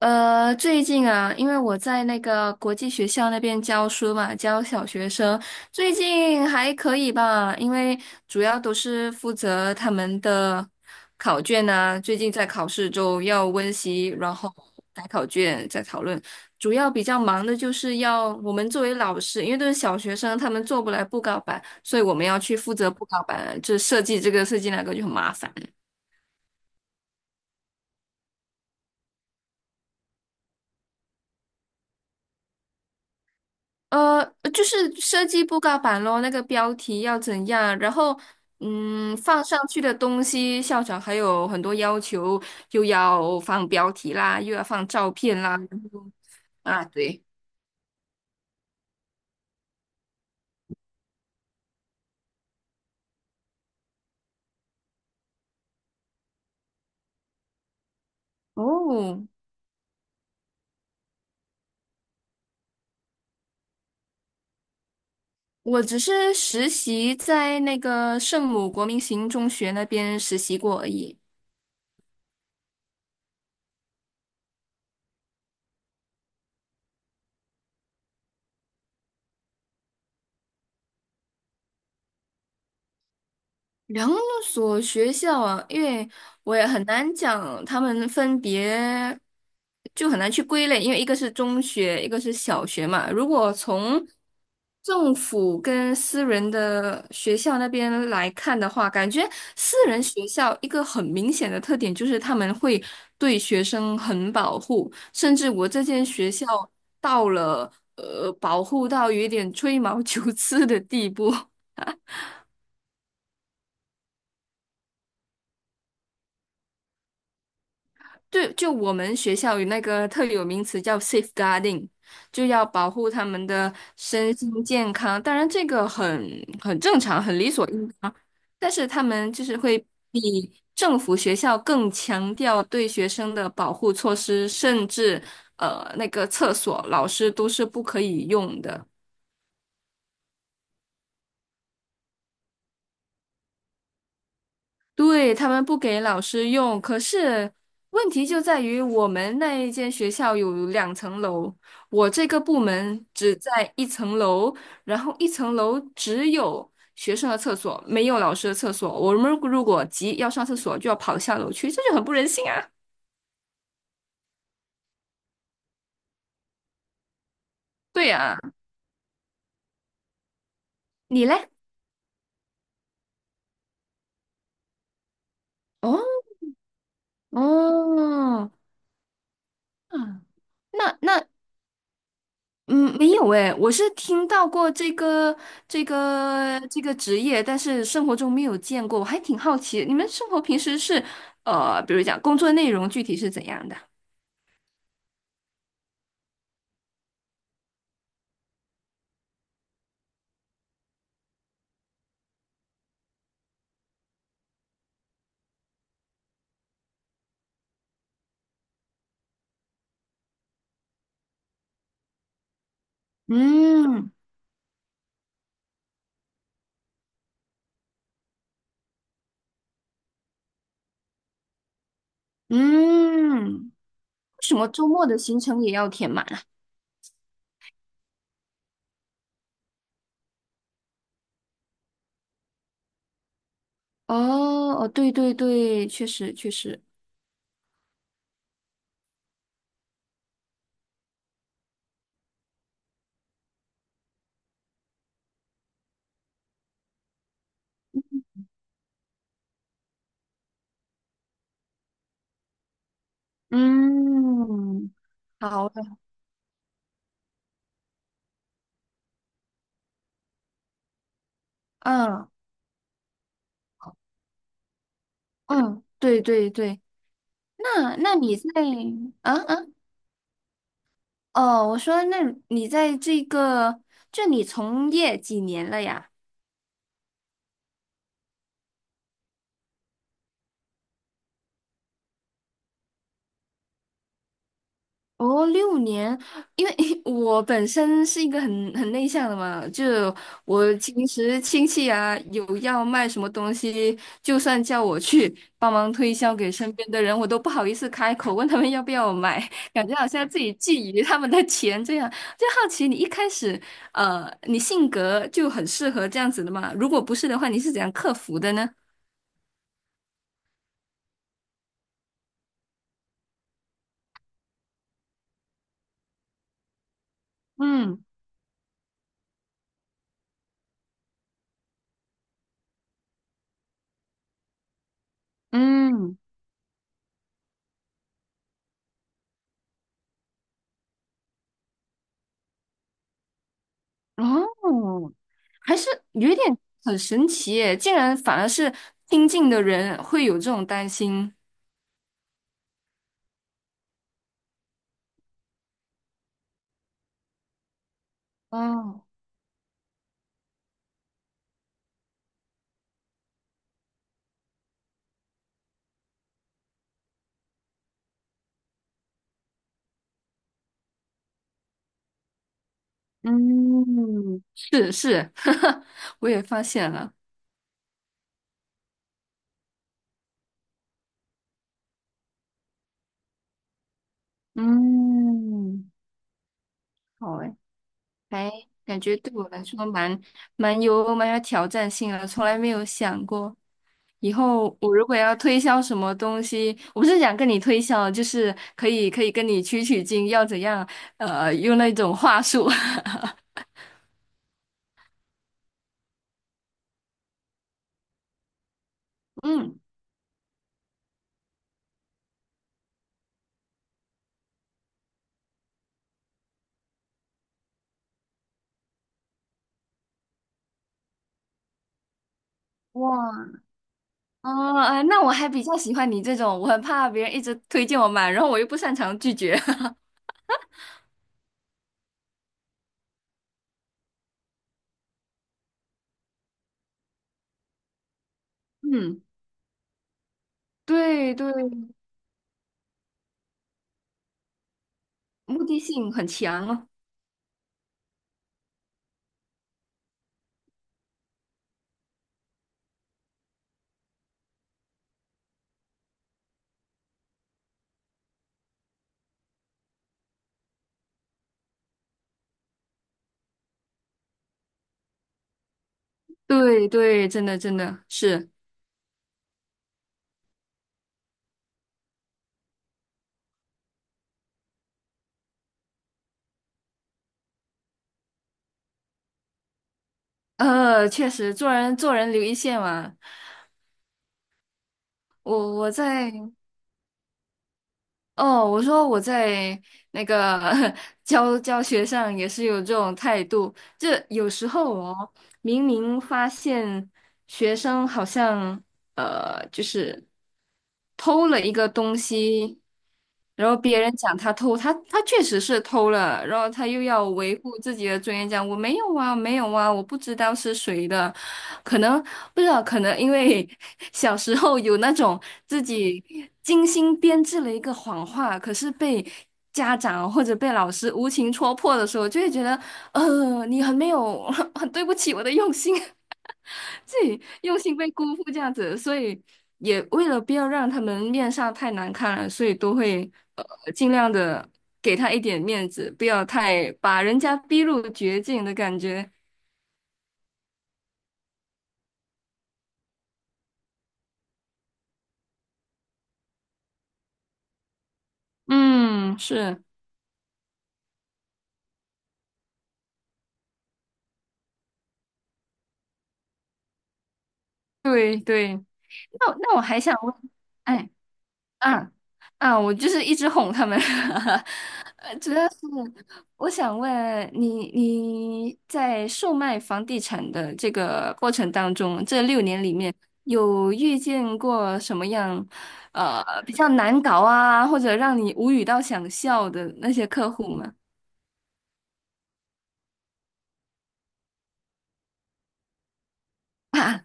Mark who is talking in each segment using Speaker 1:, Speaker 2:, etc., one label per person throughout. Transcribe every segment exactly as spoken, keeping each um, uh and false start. Speaker 1: 呃，最近啊，因为我在那个国际学校那边教书嘛，教小学生，最近还可以吧，因为主要都是负责他们的考卷啊，最近在考试周要温习，然后改考卷，再讨论。主要比较忙的就是要我们作为老师，因为都是小学生，他们做不来布告板，所以我们要去负责布告板，就设计这个设计那个就很麻烦。呃，呃就是设计布告板咯，那个标题要怎样，然后嗯，放上去的东西，校长还有很多要求，又要放标题啦，又要放照片啦，然后啊，对，哦，我只是实习在那个圣母国民型中学那边实习过而已。两所学校啊，因为我也很难讲他们分别，就很难去归类，因为一个是中学，一个是小学嘛。如果从政府跟私人的学校那边来看的话，感觉私人学校一个很明显的特点就是他们会对学生很保护，甚至我这间学校到了呃保护到有一点吹毛 求疵的地步。对，就我们学校有那个特有名词叫 safeguarding，就要保护他们的身心健康。当然，这个很很正常，很理所应当。但是他们就是会比政府学校更强调对学生的保护措施，甚至呃，那个厕所老师都是不可以用的。对，他们不给老师用，可是问题就在于我们那一间学校有两层楼，我这个部门只在一层楼，然后一层楼只有学生的厕所，没有老师的厕所。我们如果急要上厕所，就要跑下楼去，这就很不人性啊！对呀，你嘞？哦哦，嗯，那那嗯，没有诶，我是听到过这个这个这个职业，但是生活中没有见过，我还挺好奇，你们生活平时是呃，比如讲工作内容具体是怎样的？嗯嗯，为什么周末的行程也要填满啊？哦哦，对对对，确实确实，嗯，好的，嗯嗯，对对对，那那你在啊啊？哦，我说，那你在这个，就你从业几年了呀？哦，六年，因为 我本身是一个很很内向的嘛，就我平时亲戚啊有要卖什么东西，就算叫我去帮忙推销给身边的人，我都不好意思开口问他们要不要买，感觉好像自己觊觎他们的钱这样。就好奇你一开始，呃，你性格就很适合这样子的嘛？如果不是的话，你是怎样克服的呢？嗯。嗯，哦，还是有一点很神奇耶，竟然反而是亲近的人会有这种担心。哦，嗯，是是，我也发现了。嗯，好诶，还感觉对我来说蛮蛮有蛮有挑战性的，从来没有想过。以后我如果要推销什么东西，我不是想跟你推销，就是可以可以跟你取取经，要怎样？呃，用那种话术。嗯，哇，哦，啊那我还比较喜欢你这种，我很怕别人一直推荐我买，然后我又不擅长拒绝。嗯，对对，目的性很强哦。对对，真的真的是，呃，确实做人做人留一线嘛。我我在。哦，我说我在那个 教教学上也是有这种态度，就有时候哦，明明发现学生好像呃，就是偷了一个东西，然后别人讲他偷，他他确实是偷了，然后他又要维护自己的尊严，讲我没有啊，没有啊，我不知道是谁的，可能不知道，可能因为 小时候有那种自己精心编制了一个谎话，可是被家长或者被老师无情戳破的时候，就会觉得呃，你很没有，很对不起我的用心，自己用心被辜负这样子，所以也为了不要让他们面上太难看了，所以都会呃尽量的给他一点面子，不要太把人家逼入绝境的感觉。嗯，是，对对。那那我还想问，哎。嗯嗯，我就是一直哄他们，呃，主要是我想问你，你在售卖房地产的这个过程当中，这六年里面有遇见过什么样，呃，比较难搞啊，或者让你无语到想笑的那些客户吗？啊，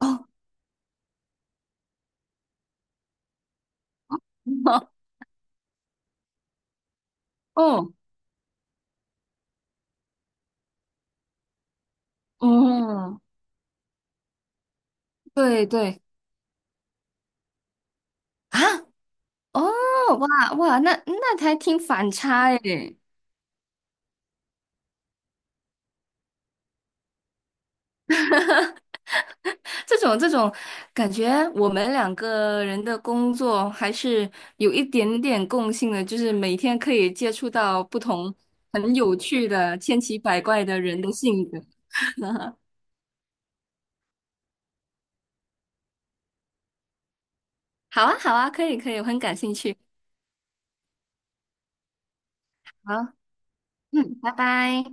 Speaker 1: 哦，哦，哦，对对，啊，哦，哇哇，那那还挺反差诶，这种这种感觉，我们两个人的工作还是有一点点共性的，就是每天可以接触到不同很有趣的、千奇百怪的人的性格。好啊，好啊，可以可以，我很感兴趣。好，嗯，拜拜。